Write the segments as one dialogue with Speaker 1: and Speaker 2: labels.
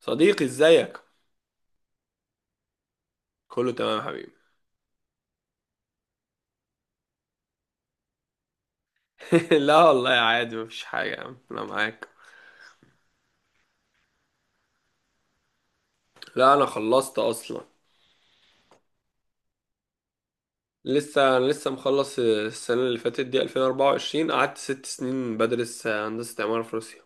Speaker 1: صديقي، ازيك؟ كله تمام يا حبيبي. لا والله، عادي مفيش حاجة يا عم، انا معاك. لا، انا خلصت اصلا. انا لسه مخلص السنة اللي فاتت دي 2024. قعدت 6 سنين بدرس هندسة عمارة في روسيا.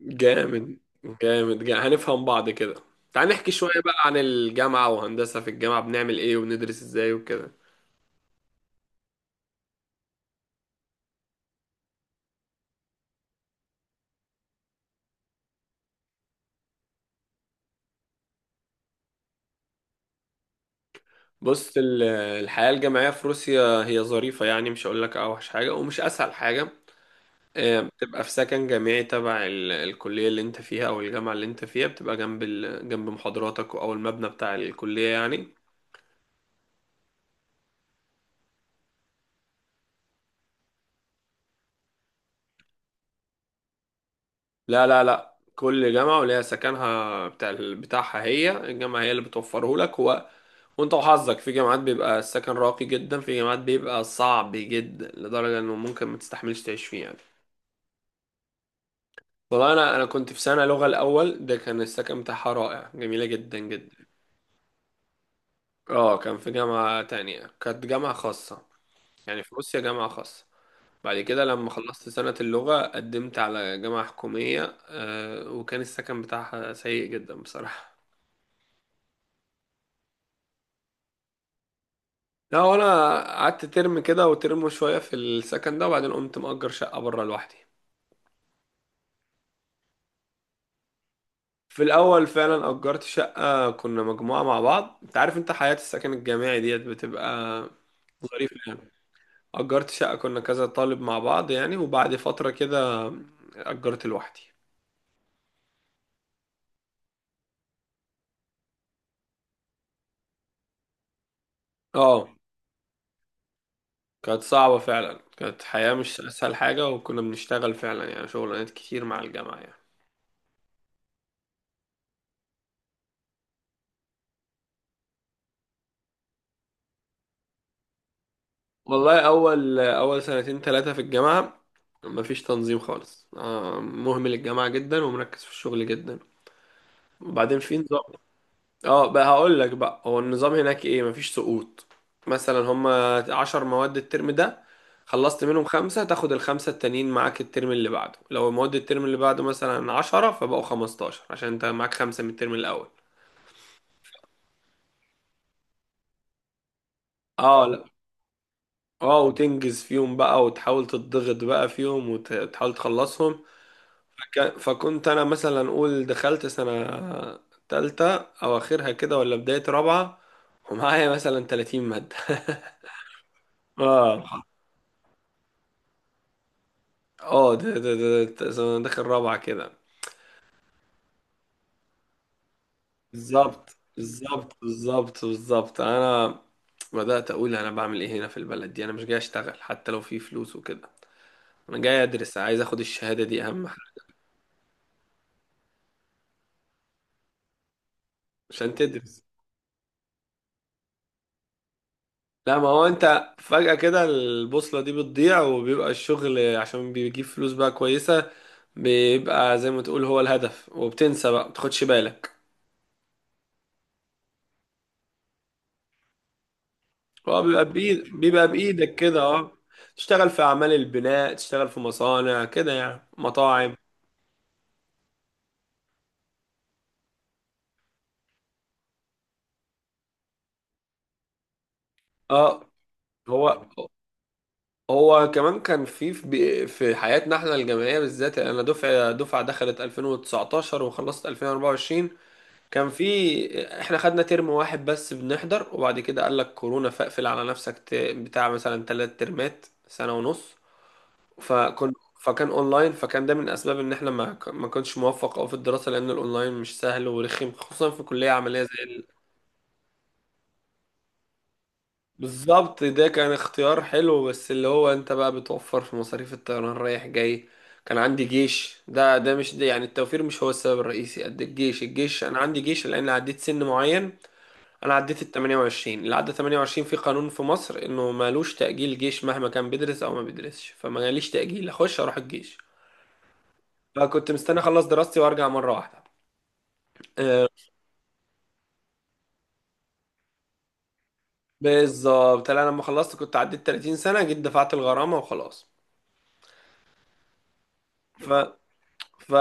Speaker 1: جامد جامد جامد، هنفهم بعض كده. تعال نحكي شوية بقى عن الجامعة وهندسة، في الجامعة بنعمل ايه وبندرس ازاي وكده؟ بص، الحياة الجامعية في روسيا هي ظريفة يعني، مش هقول لك اوحش حاجة ومش اسهل حاجة. بتبقى في سكن جامعي تبع الكلية اللي انت فيها او الجامعة اللي انت فيها، بتبقى جنب محاضراتك او المبنى بتاع الكلية يعني. لا لا لا، كل جامعة وليها سكنها بتاعها، هي الجامعة هي اللي بتوفره لك وانت وحظك، في جامعات بيبقى السكن راقي جدا، في جامعات بيبقى صعب جدا لدرجة انه ممكن ما تستحملش تعيش فيه يعني. والله انا كنت في سنة لغة الاول، ده كان السكن بتاعها رائع، جميلة جدا جدا. اه، كان في جامعة تانية، كانت جامعة خاصة. يعني في روسيا جامعة خاصة. بعد كده لما خلصت سنة اللغة قدمت على جامعة حكومية، وكان السكن بتاعها سيء جدا بصراحة. لا وانا، قعدت ترم كده وترم شوية في السكن ده، وبعدين قمت مأجر شقة بره لوحدي. في الأول فعلا أجرت شقة، كنا مجموعة مع بعض، انت عارف، انت حياة السكن الجامعي ديت بتبقى ظريفة يعني. أجرت شقة كنا كذا طالب مع بعض يعني، وبعد فترة كده أجرت لوحدي. اه، كانت صعبة فعلا، كانت حياة مش أسهل حاجة، وكنا بنشتغل فعلا يعني، شغلانات كتير مع الجامعة يعني. والله أول أول سنتين ثلاثة في الجامعة مفيش تنظيم خالص، مهمل الجامعة جدا ومركز في الشغل جدا. وبعدين في نظام. اه، بقى هقول لك بقى هو النظام هناك ايه. مفيش سقوط. مثلا هما 10 مواد الترم ده، خلصت منهم خمسة، تاخد الخمسة التانيين معاك الترم اللي بعده. لو مواد الترم اللي بعده مثلا 10، فبقوا 15 عشان انت معاك خمسة من الترم الأول. اه، لا. اه، وتنجز فيهم بقى وتحاول تضغط بقى فيهم وتحاول تخلصهم. فكنت انا مثلا اقول، دخلت سنة تالتة او اخرها كده، ولا بداية رابعة، ومعايا مثلا 30 مادة. اه، اه. ده أنا داخل رابعة كده. بالظبط، بالظبط، بالظبط، بالظبط. انا بدأت اقول انا بعمل ايه هنا في البلد دي؟ انا مش جاي اشتغل حتى لو في فلوس وكده. انا جاي ادرس، عايز اخد الشهادة دي، اهم حاجة. عشان تدرس. لا، ما هو انت فجأة كده البوصلة دي بتضيع، وبيبقى الشغل عشان بيجيب فلوس بقى كويسة. بيبقى زي ما تقول هو الهدف، وبتنسى بقى بتاخدش بالك. هو بيبقى بإيدك كده، اه. تشتغل في أعمال البناء، تشتغل في مصانع كده يعني، مطاعم. اه، هو هو كمان كان في حياتنا احنا الجامعية بالذات يعني، انا دفعة دخلت 2019 وخلصت 2024. كان في احنا خدنا ترم واحد بس بنحضر، وبعد كده قال لك كورونا فاقفل على نفسك، بتاع مثلا 3 ترمات، سنة ونص. فكنت. فكان اونلاين، فكان ده من اسباب ان احنا ما كنتش موفق أوي في الدراسة، لان الاونلاين مش سهل ورخم خصوصا في كلية عملية. بالظبط، ده كان اختيار حلو، بس اللي هو انت بقى بتوفر في مصاريف الطيران رايح جاي. كان عندي جيش، ده مش ده يعني، التوفير مش هو السبب الرئيسي قد الجيش. الجيش انا عندي جيش لان عديت سن معين. انا عديت ال 28، اللي عدى 28 في قانون في مصر انه مالوش تأجيل جيش مهما كان بيدرس او ما بيدرسش، فما جاليش تأجيل اخش اروح الجيش. فكنت مستني اخلص دراستي وارجع مرة واحدة. آه، بالظبط، انا لما خلصت كنت عديت 30 سنة، جيت دفعت الغرامة وخلاص. ف ف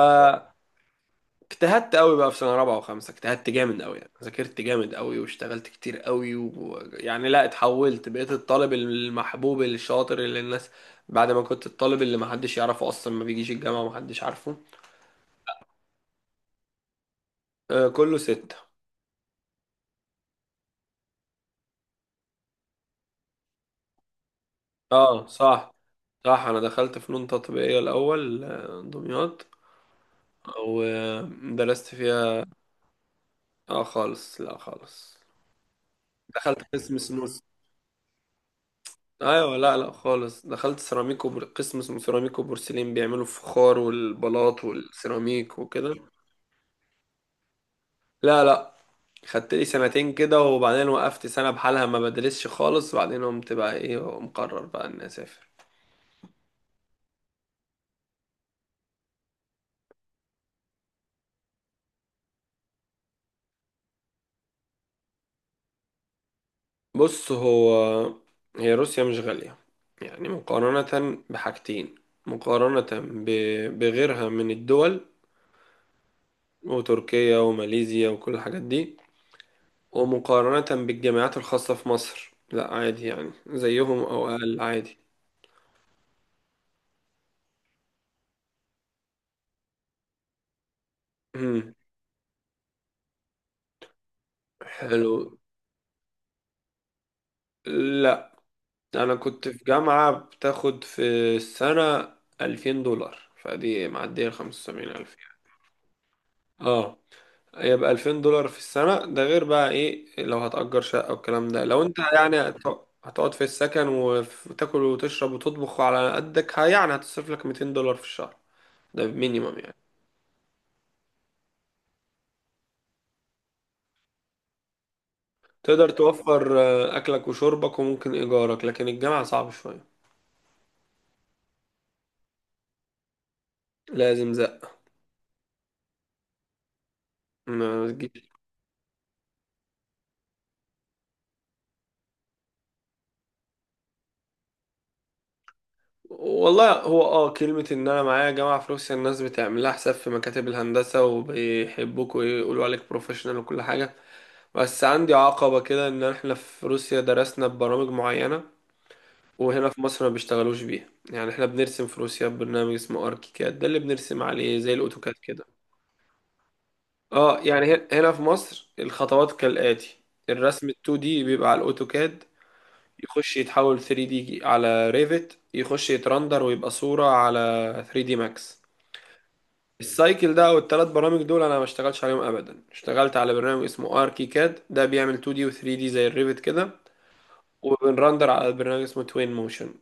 Speaker 1: اجتهدت قوي بقى في سنة رابعة وخمسة، اجتهدت جامد قوي يعني، ذاكرت جامد قوي واشتغلت كتير قوي يعني لا، اتحولت بقيت الطالب المحبوب الشاطر اللي الناس، بعد ما كنت الطالب اللي محدش يعرفه اصلا، ما بيجيش الجامعة ومحدش عارفه. آه، كله 6. اه، صح. صح، انا دخلت فنون تطبيقية الاول، دمياط. ودرست فيها. اه خالص، لا خالص. دخلت قسم سنون. ايوه، لا لا خالص. دخلت سيراميك قسم اسمه سيراميك وبورسلين، بيعملوا الفخار والبلاط والسيراميك وكده. لا لا، خدت لي سنتين كده، وبعدين وقفت سنة بحالها ما بدرسش خالص، وبعدين قمت بقى ايه، مقرر بقى اني اسافر. بص، هي روسيا مش غالية. يعني مقارنة بحاجتين، مقارنة بغيرها من الدول، وتركيا وماليزيا وكل الحاجات دي. ومقارنة بالجامعات الخاصة في مصر، لا عادي يعني زيهم أو أقل عادي. مم. حلو. لا، أنا كنت في جامعة بتاخد في السنة 2000 دولار، فدي معدية 75,000 يعني. اه، يبقى 2000 دولار في السنة. ده غير بقى ايه لو هتأجر شقة والكلام ده، لو انت يعني هتقعد في السكن وتاكل وتشرب وتطبخ على قدك، يعني هتصرف لك 200 دولار في الشهر. ده مينيمم يعني. تقدر توفر أكلك وشربك وممكن إيجارك، لكن الجامعة صعب شوية. لازم زق. ما تجيش. والله، هو كلمة ان انا معايا جامعة في روسيا، الناس بتعمل لها حساب في مكاتب الهندسة، وبيحبوك ويقولوا عليك بروفيشنال وكل حاجة. بس عندي عقبة كده، ان احنا في روسيا درسنا ببرامج معينة، وهنا في مصر ما بيشتغلوش بيها. يعني احنا بنرسم في روسيا ببرنامج اسمه اركيكاد، ده اللي بنرسم عليه زي الاوتوكاد كده. اه، يعني هنا في مصر الخطوات كالآتي: الرسم ال 2 دي بيبقى على الاوتوكاد، يخش يتحول 3 دي على ريفت، يخش يترندر ويبقى صورة على 3 دي ماكس. السايكل ده او الثلاث برامج دول انا ما اشتغلتش عليهم ابدا، اشتغلت على برنامج اسمه اركيكاد، ده بيعمل 2 دي و 3 دي زي الريفت كده، وبنرندر على برنامج اسمه توين موشن.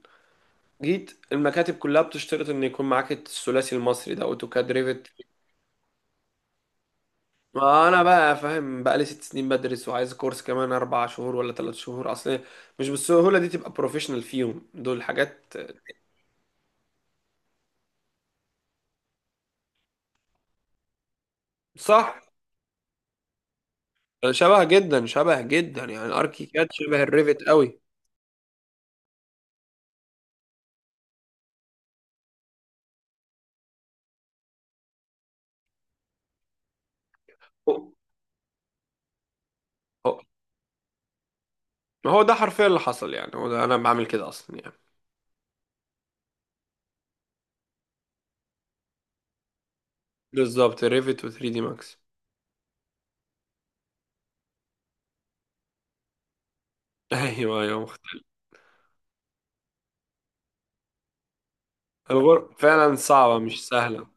Speaker 1: جيت المكاتب كلها بتشترط ان يكون معاك الثلاثي المصري ده: اوتوكاد، ريفت. ما انا بقى فاهم، بقى لي 6 سنين بدرس وعايز كورس كمان 4 شهور ولا 3 شهور. اصل مش بالسهوله دي تبقى بروفيشنال فيهم، دول حاجات. صح. شبه جدا، شبه جدا، يعني الاركي كاد شبه الريفت قوي. هو هو- ما هو ده حرفيا اللي حصل يعني، هو ده انا بعمل كده اصلا يعني. بالظبط، الريفت و 3 دي ماكس. ايوه، ايوه، مختلف. فعلا صعبه، مش سهله.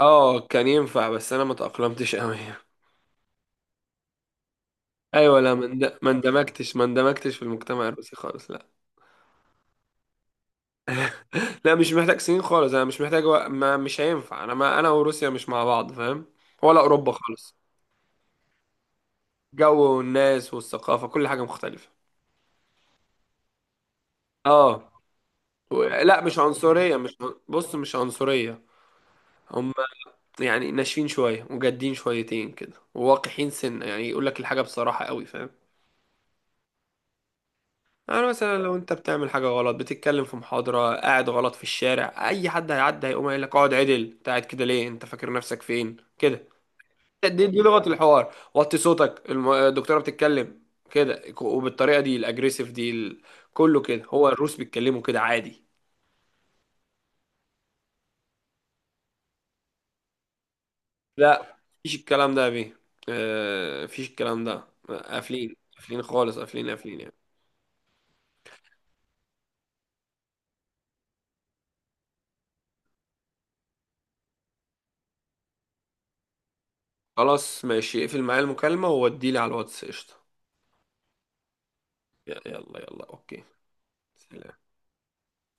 Speaker 1: اه، كان ينفع، بس انا ما تأقلمتش قوي. ايوه، لا، ما اندمجتش في المجتمع الروسي خالص، لا. لا، مش محتاج سنين خالص، انا مش محتاج، وق- ما مش هينفع، انا وروسيا مش مع بعض، فاهم. ولا اوروبا خالص. جو والناس والثقافة، كل حاجة مختلفة. اه. لا مش عنصرية، مش عن- بص، مش عنصرية. هم يعني ناشفين شوية وجادين شويتين كده وواقحين سنة يعني، يقول لك الحاجة بصراحة قوي، فاهم. يعني مثلا لو انت بتعمل حاجة غلط، بتتكلم في محاضرة، قاعد غلط في الشارع، اي حد هيعدي هيقوم قايل لك: اقعد عدل، انت قاعد كده ليه، انت فاكر نفسك فين كده. دي لغة الحوار، وطي صوتك، الدكتورة بتتكلم كده، وبالطريقة دي الاجريسيف دي. كله كده، هو الروس بيتكلموا كده عادي. لا، مفيش الكلام ده يا بيه. مفيش الكلام ده، قافلين قافلين خالص، قافلين قافلين يعني. خلاص، ماشي، اقفل معايا المكالمة ووديلي على الواتس، قشطة. يلا يلا، اوكي. سلام.